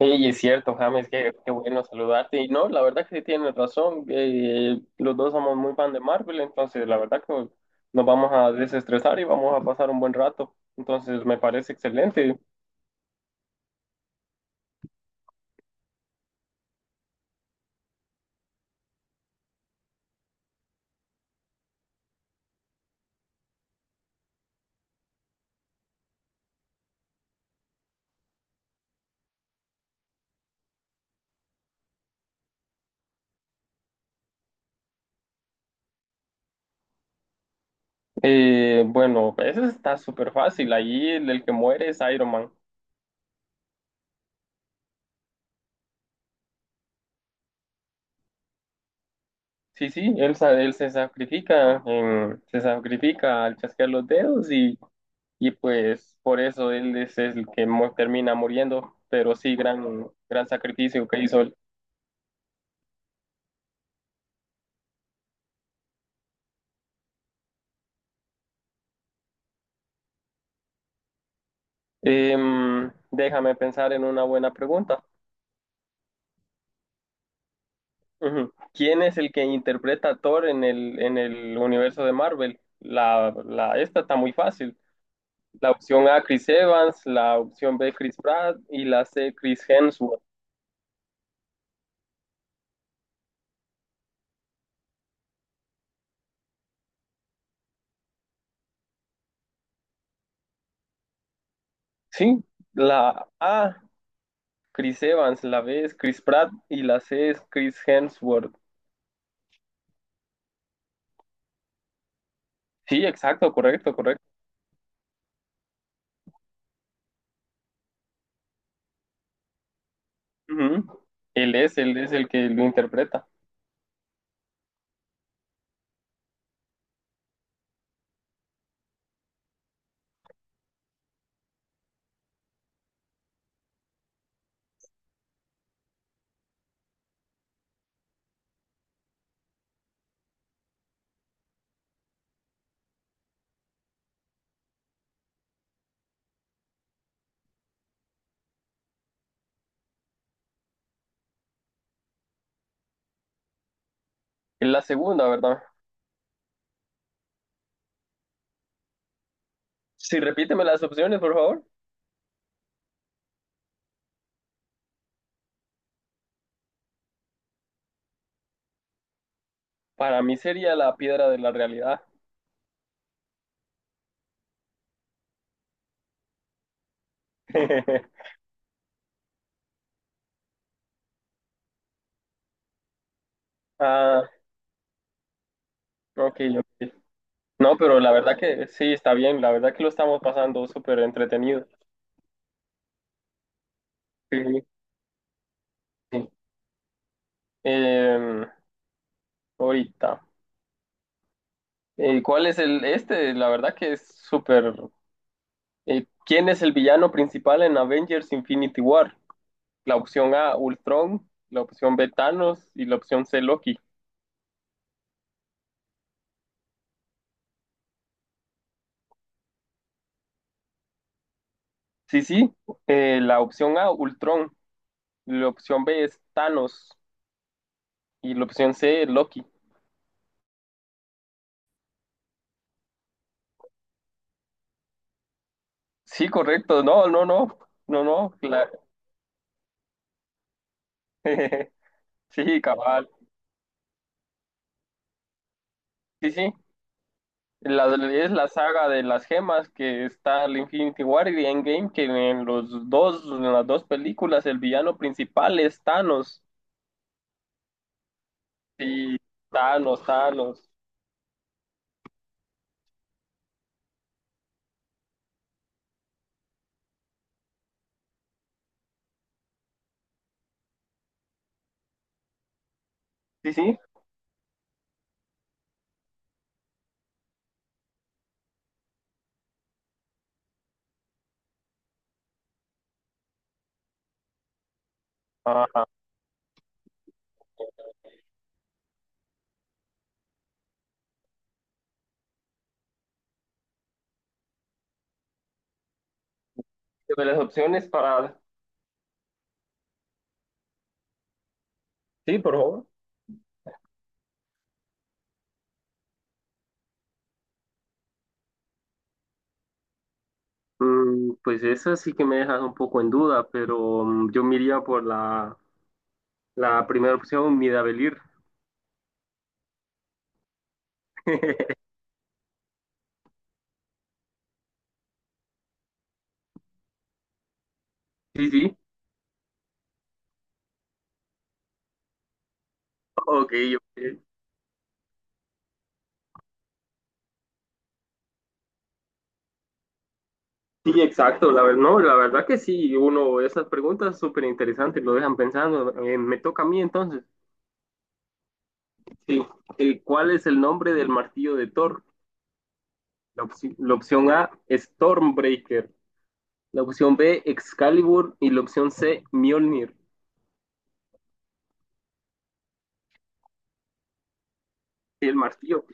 Sí, es cierto, James, qué bueno saludarte. Y no, la verdad que sí tienes razón. Los dos somos muy fan de Marvel, entonces la verdad que nos vamos a desestresar y vamos a pasar un buen rato. Entonces me parece excelente. Bueno, eso está súper fácil. Ahí el que muere es Iron Man. Sí, sí, él se sacrifica, se sacrifica al chasquear los dedos y pues por eso él es el que termina muriendo. Pero sí, gran, gran sacrificio que hizo. Déjame pensar en una buena pregunta. Ujú. ¿Quién es el que interpreta a Thor en en el universo de Marvel? Esta está muy fácil. La opción A, Chris Evans, la opción B, Chris Pratt y la C, Chris Hemsworth. Sí, la A, Chris Evans, la B es Chris Pratt y la C es Chris Hemsworth. Sí, exacto, correcto, correcto. Ujú. Él es el que lo interpreta. Es la segunda, ¿verdad? Sí, repíteme las opciones, por favor. Para mí sería la piedra de la realidad. Ah, ok, ok. No, pero la verdad que sí, está bien. La verdad que lo estamos pasando súper entretenido. Sí, sí. Sí. Em, Ahorita. ¿Cuál es el este? La verdad que es súper. ¿Quién es el villano principal en Avengers Infinity War? La opción A, Ultron. La opción B, Thanos. Y la opción C, Loki. Sí, sí. La opción A, Ultron. La opción B es Thanos. Y la opción C, Loki. Sí, correcto. No, no, no. No, no. Sí, cabal. Sí, sí. La, es la saga de las gemas que está el Infinity War y Endgame, que en los dos, en las dos películas, el villano principal es Thanos. Sí, Thanos, Thanos. Sí, sí. Ajá. De las opciones para... Sí, por favor. Mm, pues esa sí que me dejas un poco en duda, pero yo me iría por la primera opción, Midavellir. Sí, sí. Ok, ok. Sí, exacto, no, la verdad que sí, uno, esas preguntas súper interesantes lo dejan pensando. Me toca a mí entonces. Sí, ¿cuál es el nombre del martillo de Thor? La opción A, Stormbreaker. La opción B, Excalibur. Y la opción C, Mjolnir. El martillo.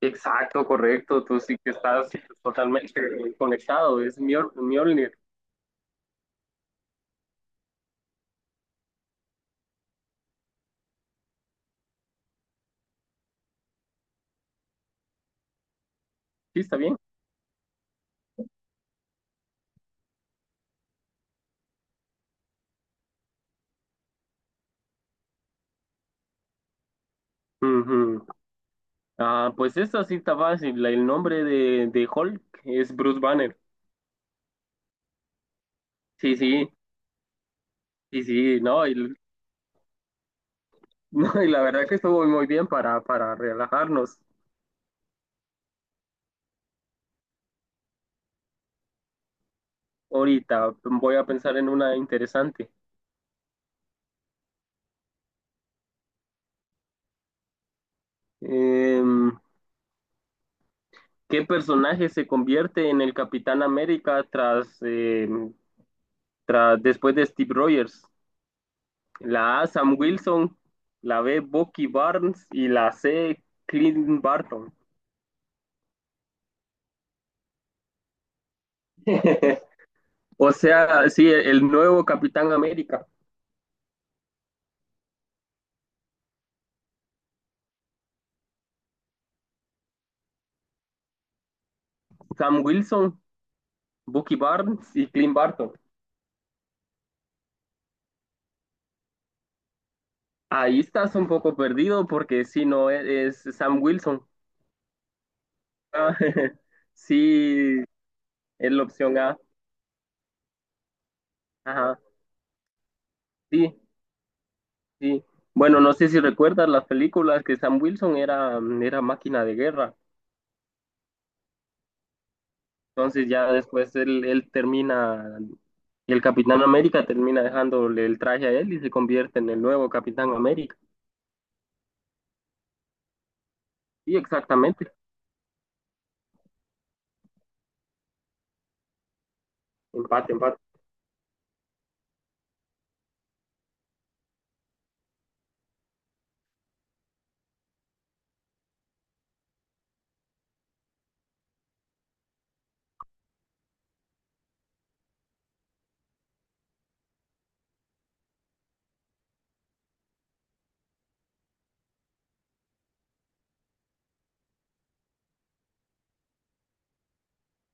Exacto, correcto. Tú sí que estás totalmente conectado. Es Mjolnir. Sí, está bien. Ujú. Ah, pues esta sí está fácil. El nombre de Hulk es Bruce Banner. Sí, sí. Y sí, no, y, no, y la verdad que estuvo muy bien para relajarnos. Ahorita voy a pensar en una interesante. Em, ¿Qué personaje se convierte en el Capitán América tras, tras después de Steve Rogers? La A, Sam Wilson, la B, Bucky Barnes y la C, Clint Barton. O sea, sí, el nuevo Capitán América, Sam Wilson, Bucky Barnes y Clint Barton. Ahí estás un poco perdido porque si no es es Sam Wilson. Ah, sí, es la opción A. Ajá, sí, sí. Bueno, no sé si recuerdas las películas que Sam Wilson era, era máquina de guerra. Entonces ya después él termina, el Capitán América termina dejándole el traje a él y se convierte en el nuevo Capitán América. Sí, exactamente. Empate, empate.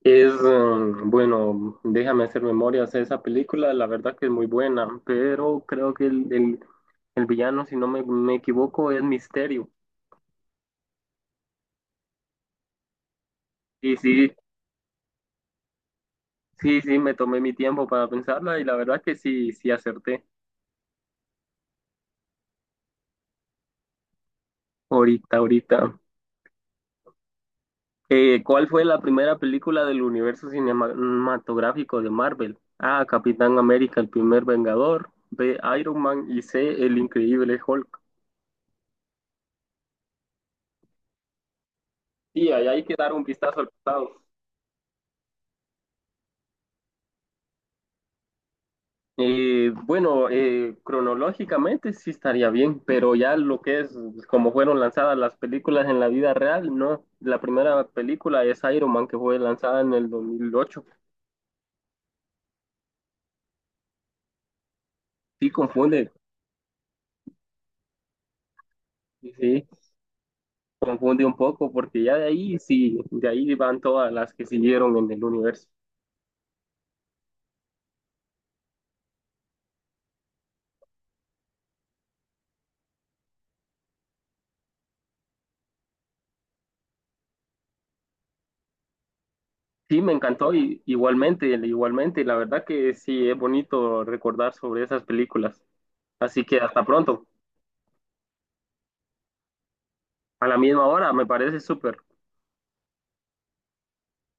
Es, mm, bueno, déjame hacer memorias. Esa película, la verdad que es muy buena, pero creo que el villano, si no me equivoco, es Misterio. Y sí, sí, me tomé mi tiempo para pensarla y la verdad que sí, sí acerté. Ahorita, ahorita. ¿Cuál fue la primera película del universo cinematográfico de Marvel? A, Capitán América, el primer Vengador. B, Iron Man y C, el increíble Hulk. Sí, ahí hay que dar un vistazo al pasado. Bueno, cronológicamente sí estaría bien, pero ya lo que es pues, como fueron lanzadas las películas en la vida real, no. La primera película es Iron Man que fue lanzada en el 2008. Sí confunde, sí confunde un poco porque ya de ahí sí, de ahí van todas las que siguieron en el universo. Sí, me encantó y, igualmente, igualmente. La verdad que sí es bonito recordar sobre esas películas. Así que hasta pronto. A la misma hora, me parece súper.